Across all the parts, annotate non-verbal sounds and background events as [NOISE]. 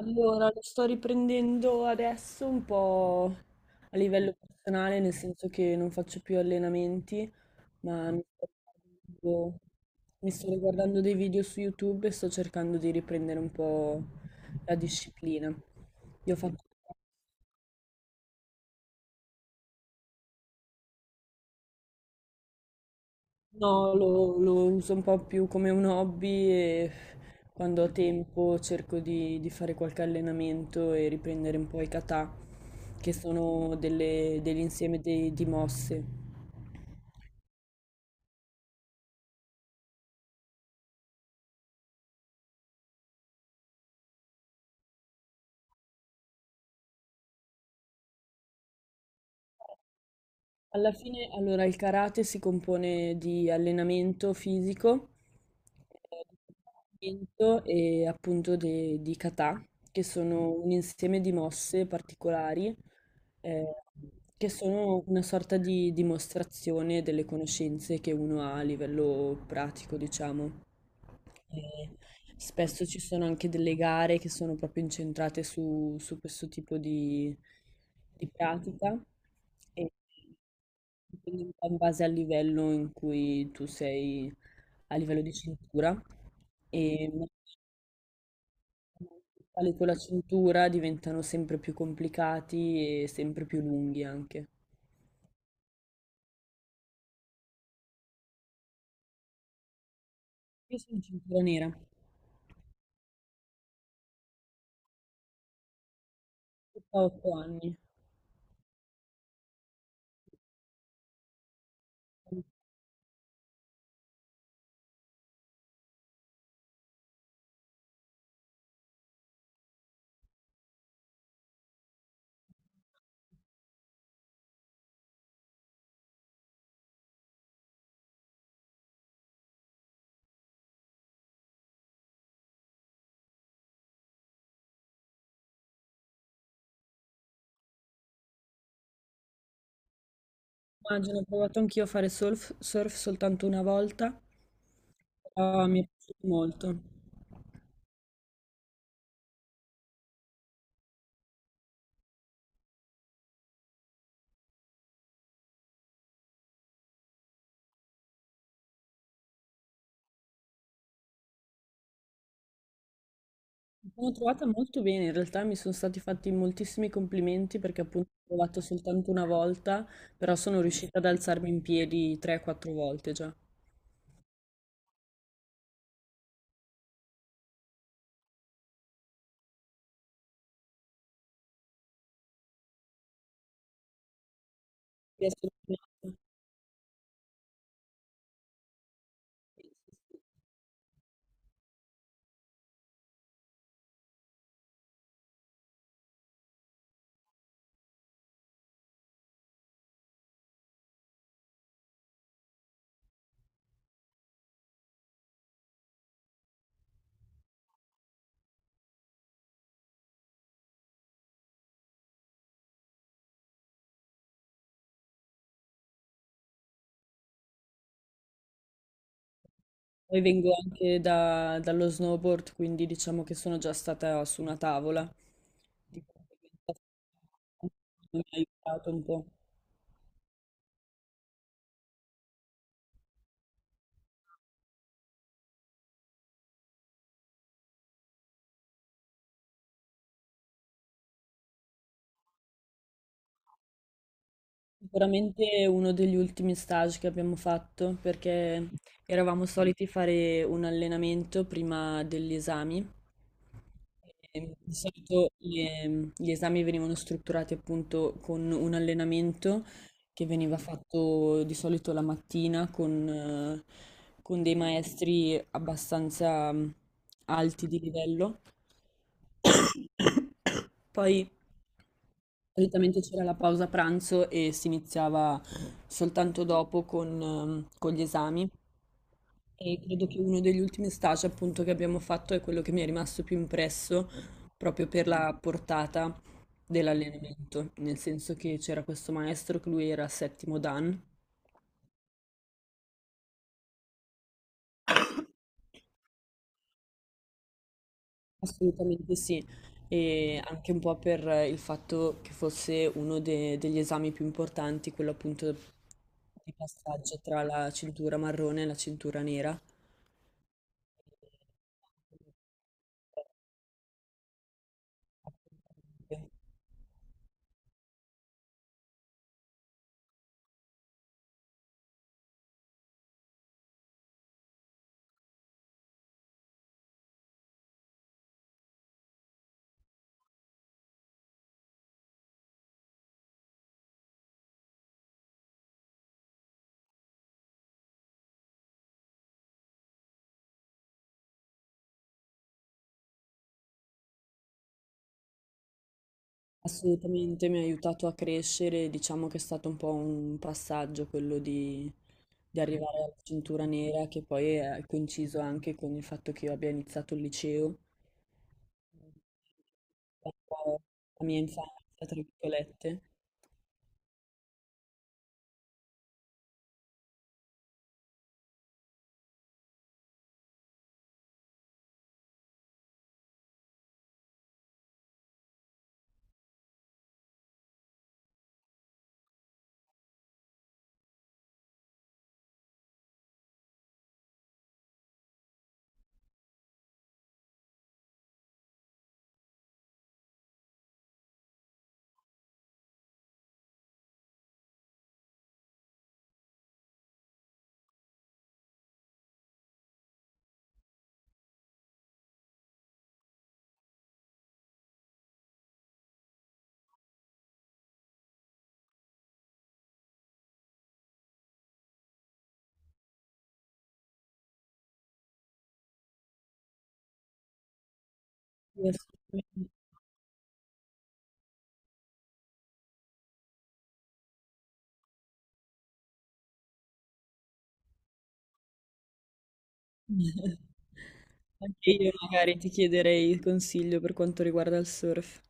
Allora, lo sto riprendendo adesso un po' a livello personale, nel senso che non faccio più allenamenti, ma riguardando, mi sto riguardando dei video su YouTube e sto cercando di riprendere un po' la disciplina. Io faccio... No, lo uso un po' più come un hobby e quando ho tempo cerco di fare qualche allenamento e riprendere un po' i kata, che sono degli insieme di mosse. Alla fine, allora, il karate si compone di allenamento fisico, di combattimento e appunto di kata, che sono un insieme di mosse particolari, eh, che sono una sorta di dimostrazione delle conoscenze che uno ha a livello pratico, diciamo. E spesso ci sono anche delle gare che sono proprio incentrate su questo tipo di pratica e dipende un po' in base al livello in cui tu sei a livello di cintura e man mano che sali con la cintura diventano sempre più complicati e sempre più lunghi anche. Io sono cintura nera, ho 8 anni. Immagino, ho provato anch'io a fare surf soltanto una volta, però mi è piaciuto molto. Mi sono trovata molto bene, in realtà mi sono stati fatti moltissimi complimenti perché appunto ho provato soltanto una volta, però sono riuscita ad alzarmi in piedi 3-4 volte già. Mi è sorpreso. Poi vengo anche dallo snowboard, quindi diciamo che sono già stata su una tavola, di conseguenza mi ha aiutato un po'. Sicuramente uno degli ultimi stage che abbiamo fatto perché eravamo soliti fare un allenamento prima degli esami. E di solito gli esami venivano strutturati appunto con un allenamento che veniva fatto di solito la mattina con dei maestri abbastanza alti di livello. [COUGHS] Poi solitamente c'era la pausa pranzo e si iniziava soltanto dopo con gli esami. E credo che uno degli ultimi stage appunto che abbiamo fatto è quello che mi è rimasto più impresso proprio per la portata dell'allenamento, nel senso che c'era questo maestro che lui era settimo Dan, assolutamente sì, e anche un po' per il fatto che fosse uno degli esami più importanti, quello appunto di passaggio tra la cintura marrone e la cintura nera. Assolutamente mi ha aiutato a crescere, diciamo che è stato un po' un passaggio quello di arrivare alla cintura nera che poi è coinciso anche con il fatto che io abbia iniziato il liceo, un po' la mia infanzia, tra virgolette. Sì, assolutamente. [LAUGHS] Anche io magari ti chiederei il consiglio per quanto riguarda il surf.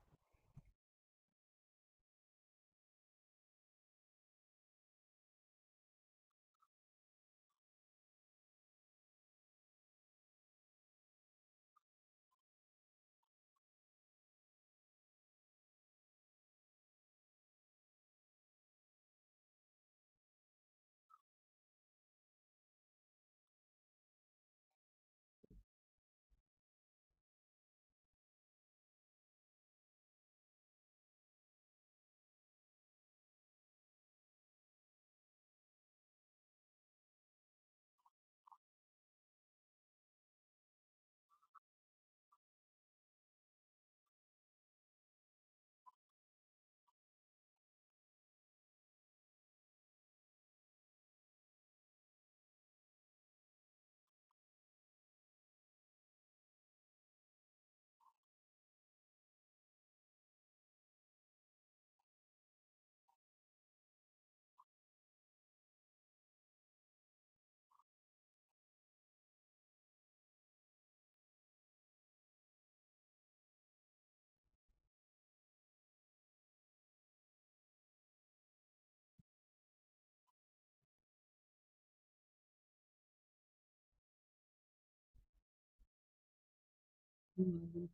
Mm.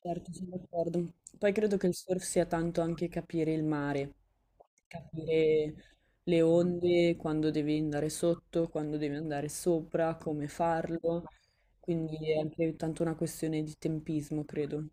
Certo, sono d'accordo. Poi credo che il surf sia tanto anche capire il mare, capire le onde, quando devi andare sotto, quando devi andare sopra, come farlo. Quindi è anche tanto una questione di tempismo, credo.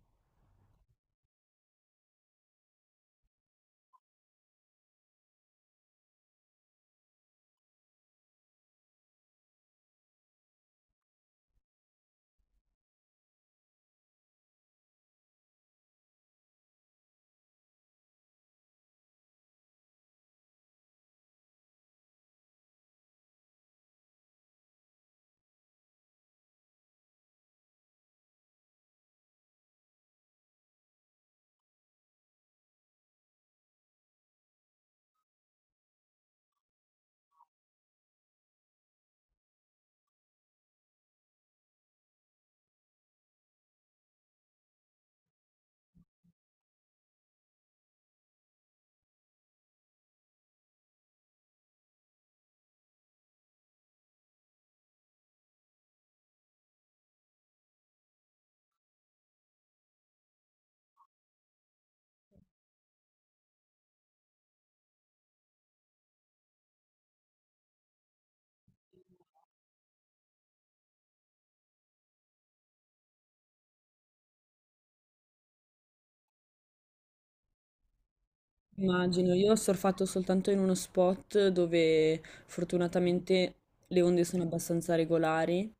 Immagino, io ho surfato soltanto in uno spot dove fortunatamente le onde sono abbastanza regolari,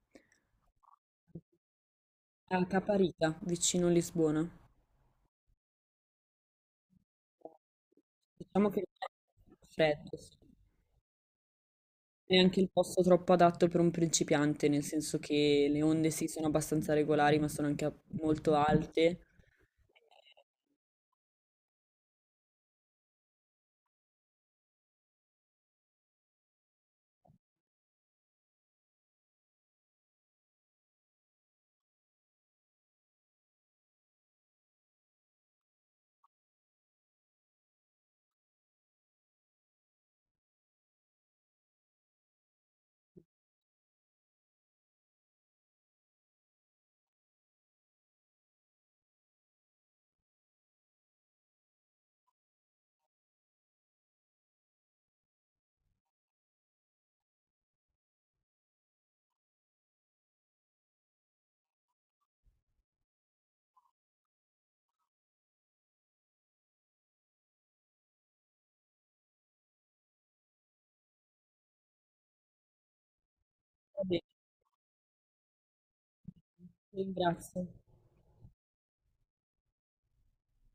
a Caparita, vicino a Lisbona. Diciamo che è freddo, sì. È anche il posto troppo adatto per un principiante, nel senso che le onde sì sono abbastanza regolari, ma sono anche molto alte. Va bene, ti ringrazio.